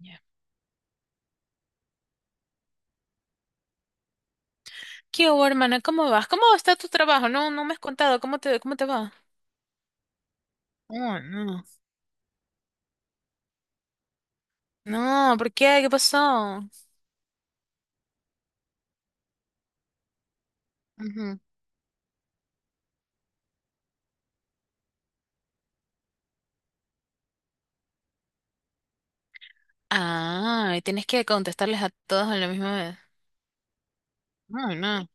Ya. ¿Qué hubo, hermana? ¿Cómo vas? ¿Cómo está tu trabajo? No, no me has contado. ¿Cómo cómo te va? Oh, no. No, ¿por qué? ¿Qué pasó? Ujú. Ah, y tienes que contestarles a todos a la misma vez. No, no.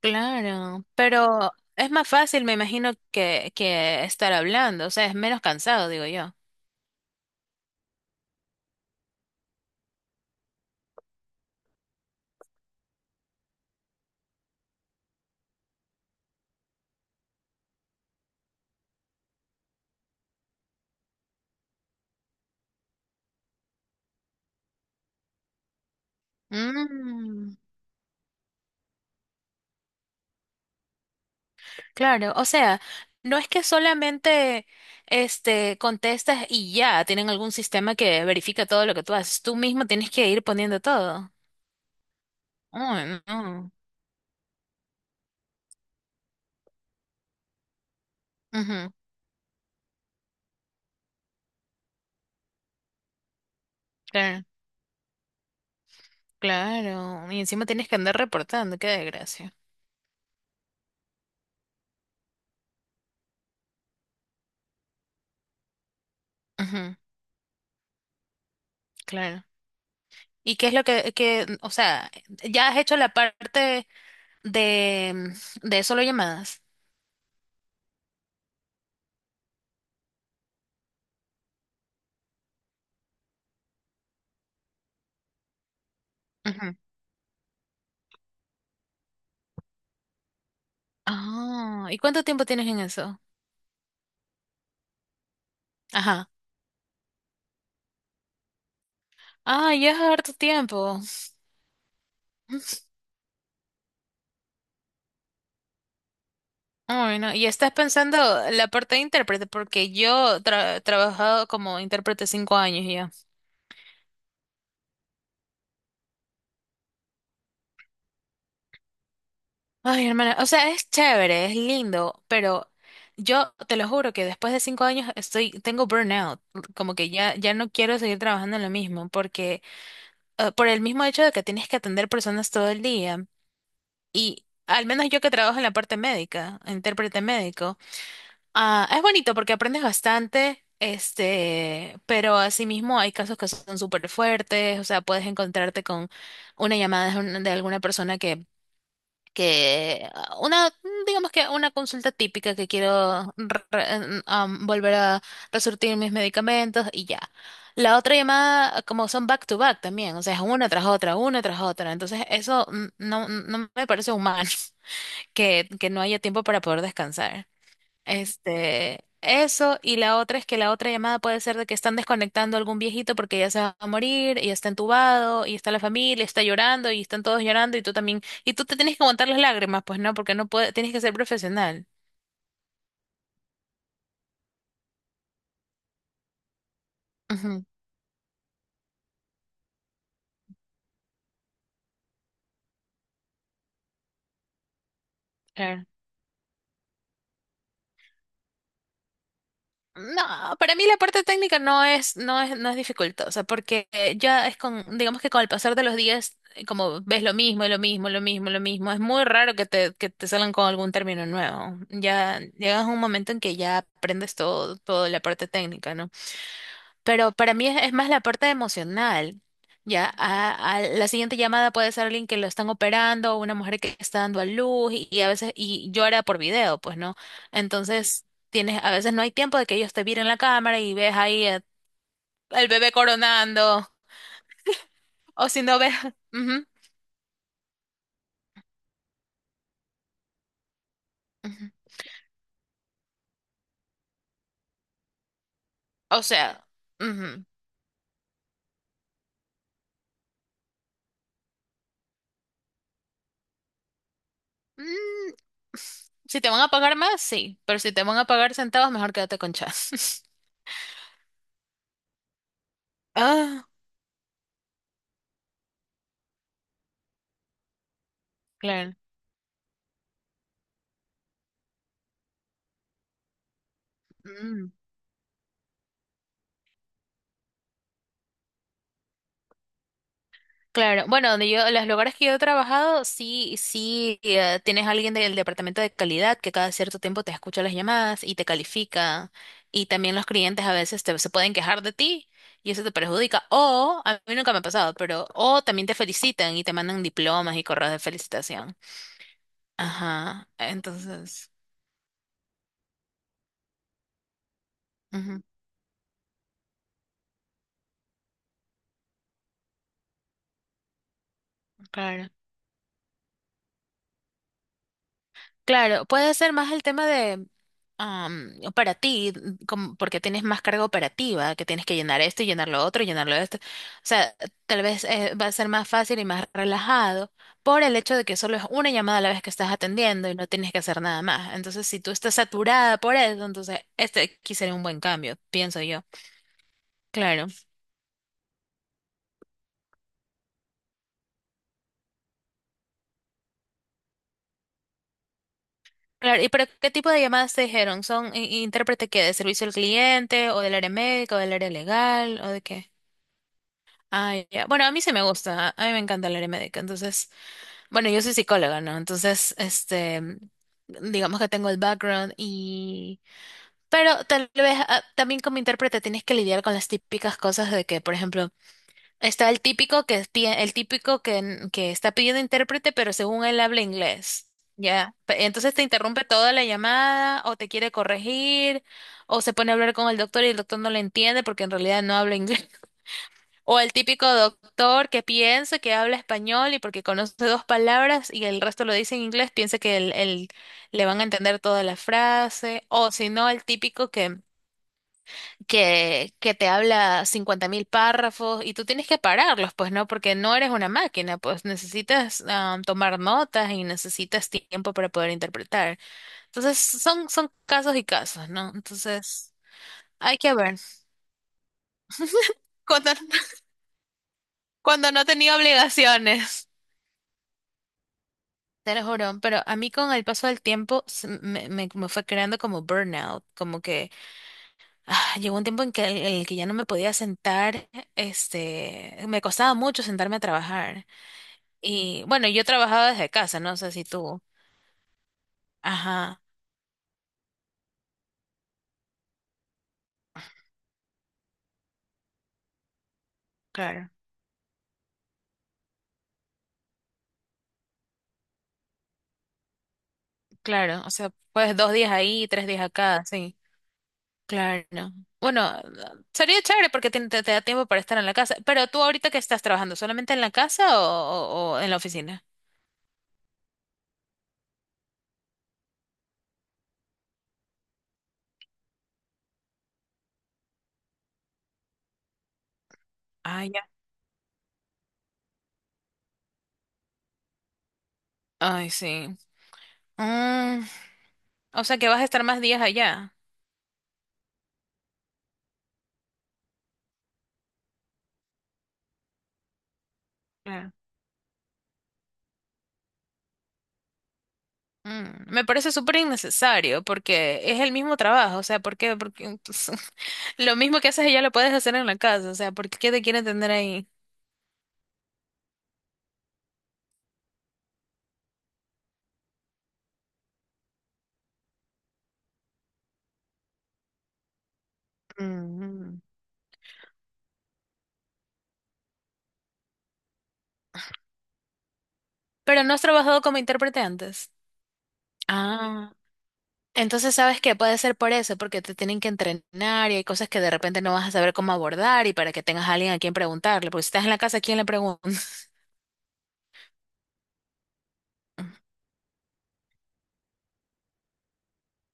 Claro, pero es más fácil, me imagino, que estar hablando. O sea, es menos cansado, digo yo. Mm, claro, o sea, no es que solamente este contestas y ya, tienen algún sistema que verifica todo lo que tú haces. Tú mismo tienes que ir poniendo todo. Ay, no. Ujú. Claro, claro. Y encima tienes que andar reportando, qué desgracia. Ujú. Claro. ¿Y qué es lo o sea, ya has hecho la parte de, de solo llamadas? Ujú. Ah, ¿y cuánto tiempo tienes en eso? Ajá. Ah, ya es harto tiempo. Ay, no. Y estás pensando la parte de intérprete, porque he trabajado como intérprete 5 años ya. Ay, hermana, o sea, es chévere, es lindo, pero yo te lo juro que después de 5 años estoy, tengo burnout, como que ya, ya no quiero seguir trabajando en lo mismo, porque por el mismo hecho de que tienes que atender personas todo el día, y al menos yo que trabajo en la parte médica, intérprete médico, es bonito porque aprendes bastante, este, pero asimismo hay casos que son súper fuertes, o sea, puedes encontrarte con una llamada de alguna persona que digamos que una consulta típica que quiero volver a resurtir mis medicamentos y ya. La otra llamada, ah, como son back to back también, o sea, es una tras otra, una tras otra. Entonces, eso no, no me parece humano que no haya tiempo para poder descansar. Este, eso, y la otra es que la otra llamada puede ser de que están desconectando a algún viejito porque ya se va a morir, y está entubado, y está la familia, está llorando, y están todos llorando, y tú también, y tú te tienes que aguantar las lágrimas, pues no, porque no puedes, tienes que ser profesional. Ujú, claro. No, para mí la parte técnica no es dificultosa, porque ya es con, digamos que con el pasar de los días, como ves lo mismo, es muy raro que que te salgan con algún término nuevo. Ya llegas a un momento en que ya aprendes todo, toda la parte técnica, ¿no? Pero para mí es más la parte emocional. A la siguiente llamada puede ser alguien que lo están operando, una mujer que está dando a luz y a veces y llora por video, pues no. Entonces, tienes, a veces no hay tiempo de que ellos te miren la cámara y ves al bebé coronando, o si no ves, ujú, ujú. O sea, ujú. Mm, si te van a pagar más, sí, pero si te van a pagar centavos, mejor quédate con chas. Ah, claro. Claro, bueno, los lugares que yo he trabajado, sí, sí, tienes alguien del departamento de calidad que cada cierto tiempo te escucha las llamadas y te califica, y también los clientes a veces se pueden quejar de ti y eso te perjudica, o, a mí nunca me ha pasado, pero, o también te felicitan y te mandan diplomas y correos de felicitación. Ajá, entonces, ujú, claro. Claro, puede ser más el tema de para ti, como porque tienes más carga operativa, que tienes que llenar esto y llenar lo otro y llenar lo esto. O sea, tal vez va a ser más fácil y más relajado por el hecho de que solo es una llamada a la vez que estás atendiendo y no tienes que hacer nada más. Entonces, si tú estás saturada por eso, entonces este aquí sería un buen cambio, pienso yo. Claro, claro. ¿Y pero qué tipo de llamadas te dijeron? ¿Son intérprete que de servicio al cliente o del área médica o del área legal o de qué? Ah, ya. Bueno, a mí sí me gusta, a mí me encanta el área médica, entonces, bueno, yo soy psicóloga, ¿no? Entonces, este, digamos que tengo el background y, pero tal vez también como intérprete tienes que lidiar con las típicas cosas de que, por ejemplo, está el típico que está pidiendo intérprete, pero según él habla inglés, ¿ya? Entonces te interrumpe toda la llamada o te quiere corregir o se pone a hablar con el doctor y el doctor no le entiende porque en realidad no habla inglés. O el típico doctor que piensa que habla español y porque conoce dos palabras y el resto lo dice en inglés, piensa que le van a entender toda la frase. O si no, el típico que te habla 50.000 párrafos y tú tienes que pararlos, pues no, porque no eres una máquina, pues necesitas tomar notas y necesitas tiempo para poder interpretar. Entonces, son casos y casos, ¿no? Entonces, hay que ver. Cuando, cuando no tenía obligaciones. Te lo juro, pero a mí con el paso del tiempo me fue creando como burnout, como que llegó un tiempo en en el que ya no me podía sentar, este, me costaba mucho sentarme a trabajar. Y bueno, yo trabajaba desde casa, no sé si tú. Ajá, claro, claro, o sea, pues 2 días ahí, 3 días acá, sí, claro. Bueno, sería chévere porque te da tiempo para estar en la casa, pero tú ahorita que estás trabajando, ¿solamente en la casa o en la oficina? Ah, ya. Ay, sí. Mm, o sea que vas a estar más días allá. Ah, mm, me parece súper innecesario porque es el mismo trabajo, o sea, ¿por qué? Porque lo mismo que haces allá lo puedes hacer en la casa, o sea, ¿por qué te quieren tener ahí? Mm, pero no has trabajado como intérprete antes. Ah, entonces, ¿sabes que puede ser por eso, porque te tienen que entrenar y hay cosas que de repente no vas a saber cómo abordar y para que tengas a alguien a quien preguntarle, porque si estás en la casa, ¿a quién le preguntas?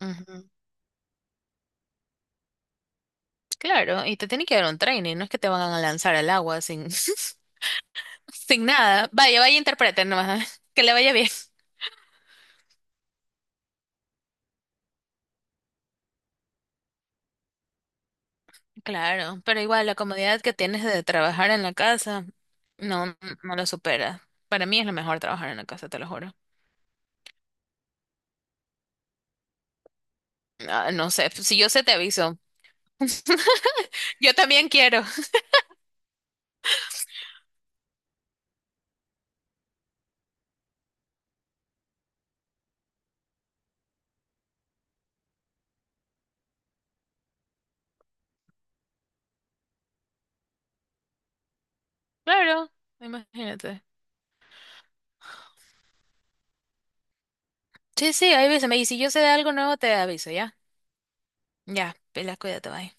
ujú. Claro, y te tienen que dar un training, no es que te van a lanzar al agua sin... Sin nada. Vaya, vaya, interpreten nomás. Que le vaya bien. Claro, pero igual la comodidad que tienes de trabajar en la casa no, no lo supera. Para mí es lo mejor trabajar en la casa, te lo juro. Ah, no sé, si yo sé te aviso. Yo también quiero. Claro, imagínate. Sí, sí, ahí avísame. Y si yo sé de algo nuevo, te aviso, ¿ya? Ya, Pela, cuídate, bye.